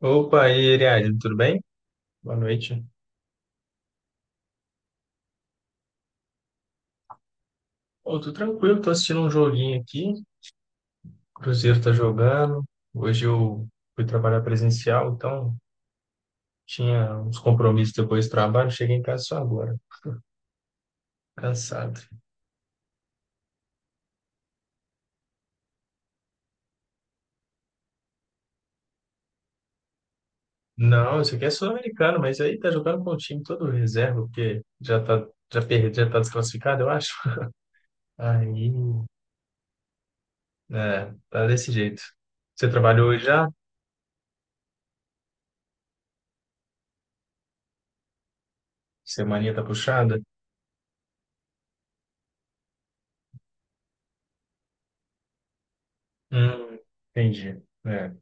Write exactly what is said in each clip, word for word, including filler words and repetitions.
Opa, e aí, Ariadne, tudo bem? Boa noite. Ô, tô tranquilo, tô assistindo um joguinho aqui. O Cruzeiro tá jogando. Hoje eu fui trabalhar presencial, então tinha uns compromissos depois do trabalho. Cheguei em casa só agora, cansado. Não, isso aqui é sul-americano, mas aí tá jogando com o time todo reserva, porque já tá, já perde, já tá desclassificado, eu acho. Aí, é, tá desse jeito. Você trabalhou hoje já? Semaninha tá puxada? Hum, entendi. É.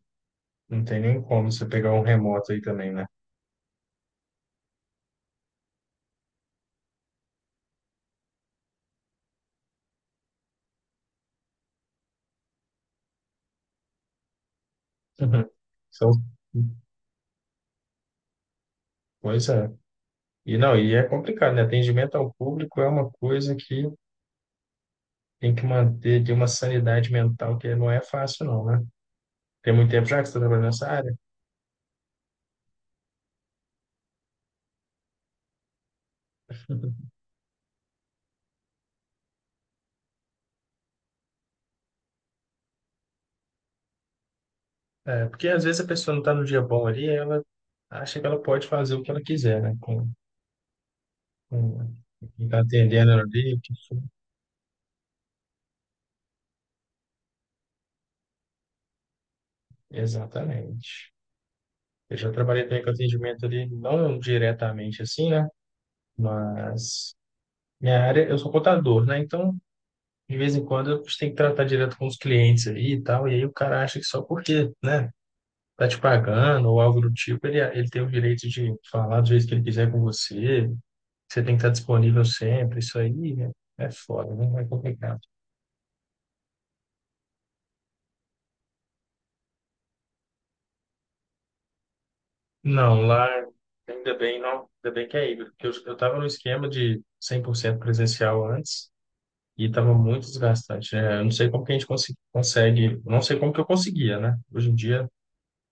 Não tem nem como você pegar um remoto aí também, né? Uhum. São- Pois é. E não, e é complicado, né? Atendimento ao público é uma coisa que tem que manter de uma sanidade mental que não é fácil, não, né? Tem muito tempo já que você está trabalhando nessa área. É, porque às vezes a pessoa não está no dia bom ali, ela acha que ela pode fazer o que ela quiser, né? Com, com quem está atendendo ali, o que for. Exatamente. Eu já trabalhei também com atendimento ali, não diretamente assim, né? Mas minha área, eu sou contador, né? Então, de vez em quando, eu tenho que tratar direto com os clientes aí e tal. E aí o cara acha que só porque, né, tá te pagando ou algo do tipo, ele, ele tem o direito de falar do jeito que ele quiser com você. Você tem que estar disponível sempre. Isso aí né, é foda, né? É complicado. Não, lá, ainda bem, não. Ainda bem que é híbrido. Porque eu, eu tava no esquema de cem por cento presencial antes. E estava muito desgastante, né? Eu não sei como que a gente consi- consegue, eu não sei como que eu conseguia, né? Hoje em dia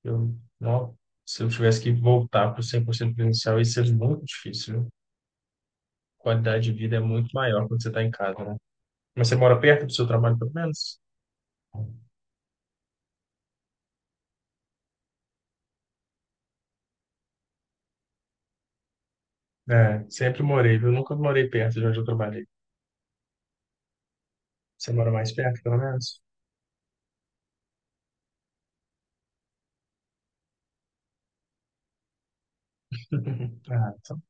eu, não, se eu tivesse que voltar para o cem por cento presencial, ia ser muito difícil, viu? Qualidade de vida é muito maior quando você está em casa, né? Mas você mora perto do seu trabalho, pelo menos? É, sempre morei, viu? Nunca morei perto de onde eu trabalhei. Você mora mais perto, pelo menos? Ah, então.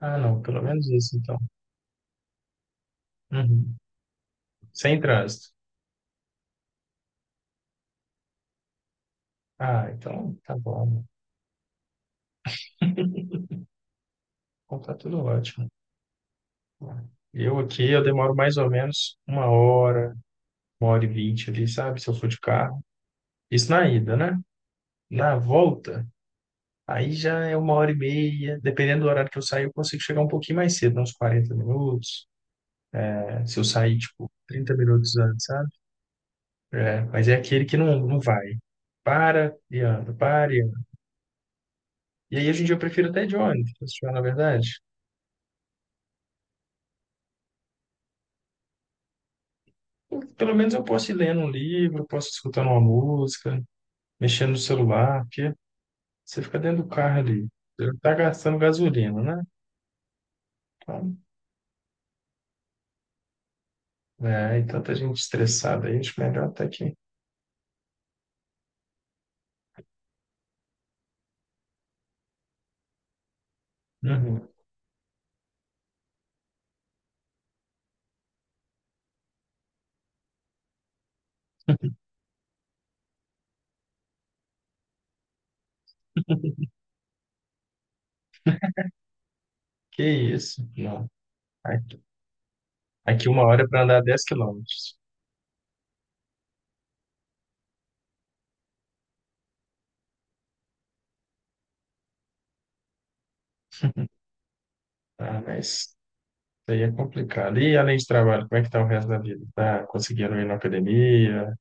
Ah, não, pelo menos isso, então. Uhum. Sem trânsito. Ah, então tá bom. Então tá tudo ótimo. Eu aqui, eu demoro mais ou menos uma hora, uma hora e vinte ali, sabe? Se eu for de carro. Isso na ida, né? Na volta, aí já é uma hora e meia. Dependendo do horário que eu sair, eu consigo chegar um pouquinho mais cedo, uns quarenta minutos. É, se eu sair, tipo, trinta minutos antes, sabe? É, mas é aquele que não, não vai. Para e anda, para e anda. E aí, hoje em dia, eu prefiro até de ônibus, pra você falar na verdade. Pelo menos eu posso ir lendo um livro, posso escutando uma música, mexendo no celular, porque você fica dentro do carro ali. Você não tá gastando gasolina, né? Então, é, e tanta gente estressada aí, acho melhor até que. Uhum. Que isso? Não. Aqui uma hora para andar dez quilômetros. Tá? Mas isso aí é complicado. E além de trabalho, como é que tá o resto da vida? Tá conseguindo ir na academia,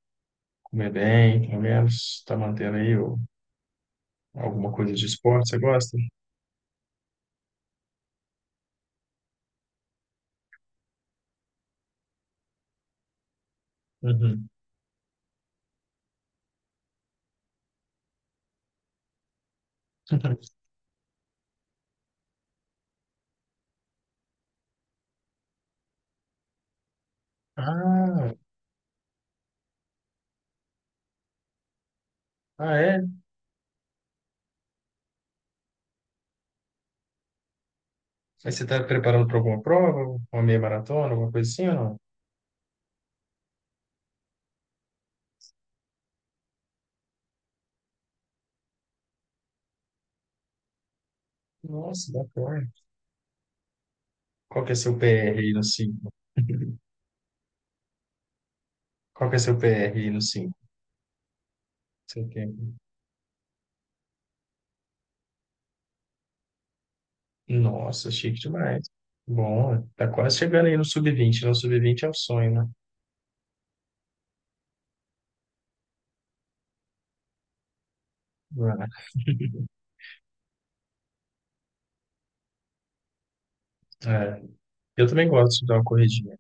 comer bem, pelo menos? Tá mantendo aí o- alguma coisa de esporte? Você gosta? Uhum. Ah, ah, é? Mas você tá preparando para alguma prova? Uma meia maratona, alguma coisa assim ou não? Nossa, bacana. Qual que é seu P R aí no cinco? Qual que é seu P R aí no cinco? Seu tempo. Nossa, chique demais. Bom, tá quase chegando aí no sub vinte, né? O sub vinte é o sonho, né? Ah, é, é, eu também gosto de dar uma corridinha.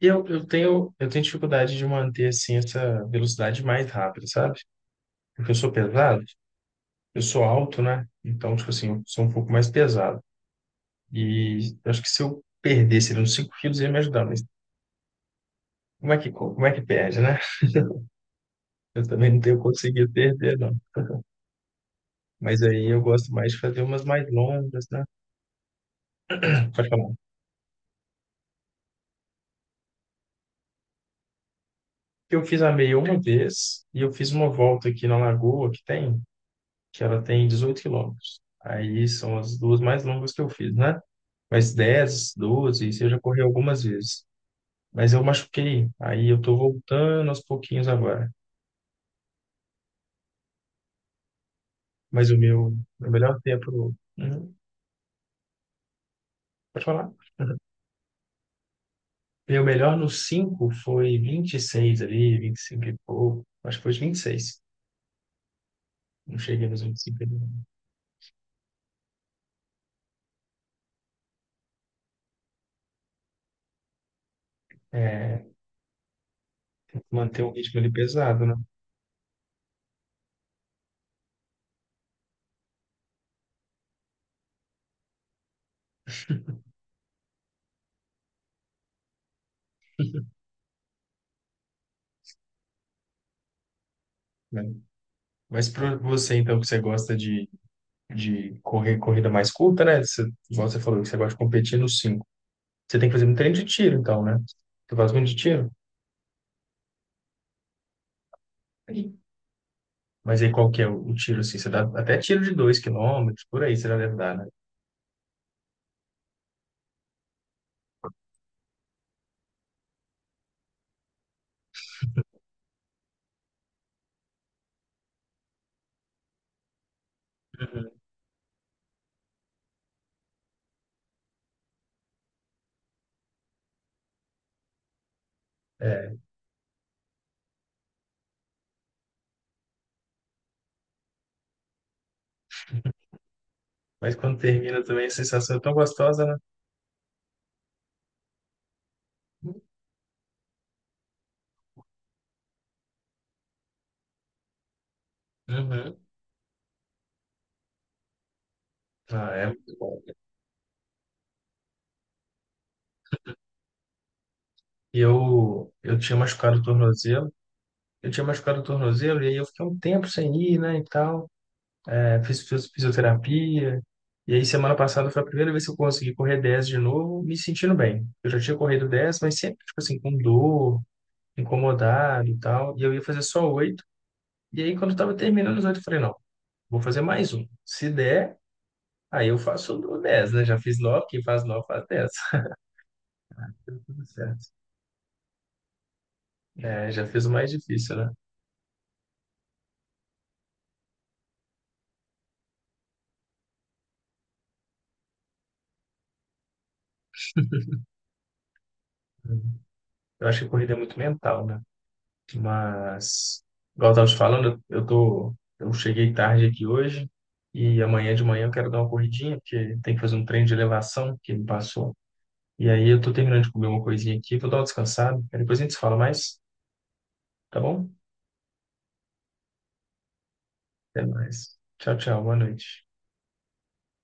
E eu, eu tenho, eu tenho dificuldade de manter, assim, essa velocidade mais rápida, sabe? Porque eu sou pesado, eu sou alto, né? Então, tipo assim, eu sou um pouco mais pesado. E eu acho que se eu perdesse ali uns cinco quilos, ia me ajudar. Mas como é que, co- como é que perde, né? Eu também não tenho conseguido perder, não. Mas aí eu gosto mais de fazer umas mais longas, né? Pode falar. Eu fiz a meia uma vez e eu fiz uma volta aqui na lagoa que tem, que ela tem dezoito quilômetros. Aí são as duas mais longas que eu fiz, né? Mas dez, doze, isso eu já corri algumas vezes. Mas eu machuquei, aí eu tô voltando aos pouquinhos agora. Mas o meu, meu melhor tempo. Uhum, pode falar? Meu melhor no cinco foi vinte e seis ali, vinte e cinco e cinco e pouco. Acho que foi os vinte e seis. Não cheguei nos vinte e cinco ali. É, tem que manter o ritmo ali pesado, né? Mas para você, então, que você gosta de, de correr corrida mais curta, né? Você, igual você falou, que você gosta de competir nos cinco. Você tem que fazer muito treino de tiro, então, né? Você faz muito de tiro? Sim. Mas aí qual que é o, o tiro, assim? Você dá até tiro de dois quilômetros por aí você já deve dar, né? Uhum. É, mas quando termina também a sensação é tão gostosa, né? Uhum. Ah, é muito bom. E eu, eu tinha machucado o tornozelo. Eu tinha machucado o tornozelo e aí eu fiquei um tempo sem ir, né, e tal. fiz fiz fisioterapia. E aí, semana passada foi a primeira vez que eu consegui correr dez de novo, me sentindo bem. Eu já tinha corrido dez mas sempre, tipo assim, com dor, incomodado e tal. E eu ia fazer só oito. E aí, quando eu tava terminando os oito eu falei, não, vou fazer mais um. Se der, aí eu faço o dez né? Já fiz nove, quem faz nove faz dez. Tudo certo. É, já fiz o mais difícil, né? Eu acho que corrida é muito mental, né? Mas, igual eu tava te falando, eu tô, eu cheguei tarde aqui hoje e amanhã de manhã eu quero dar uma corridinha, porque tem que fazer um treino de elevação que me passou. E aí eu tô terminando de comer uma coisinha aqui, vou dar uma descansada, aí depois a gente se fala mais, tá bom? Até mais. Tchau, tchau, boa noite.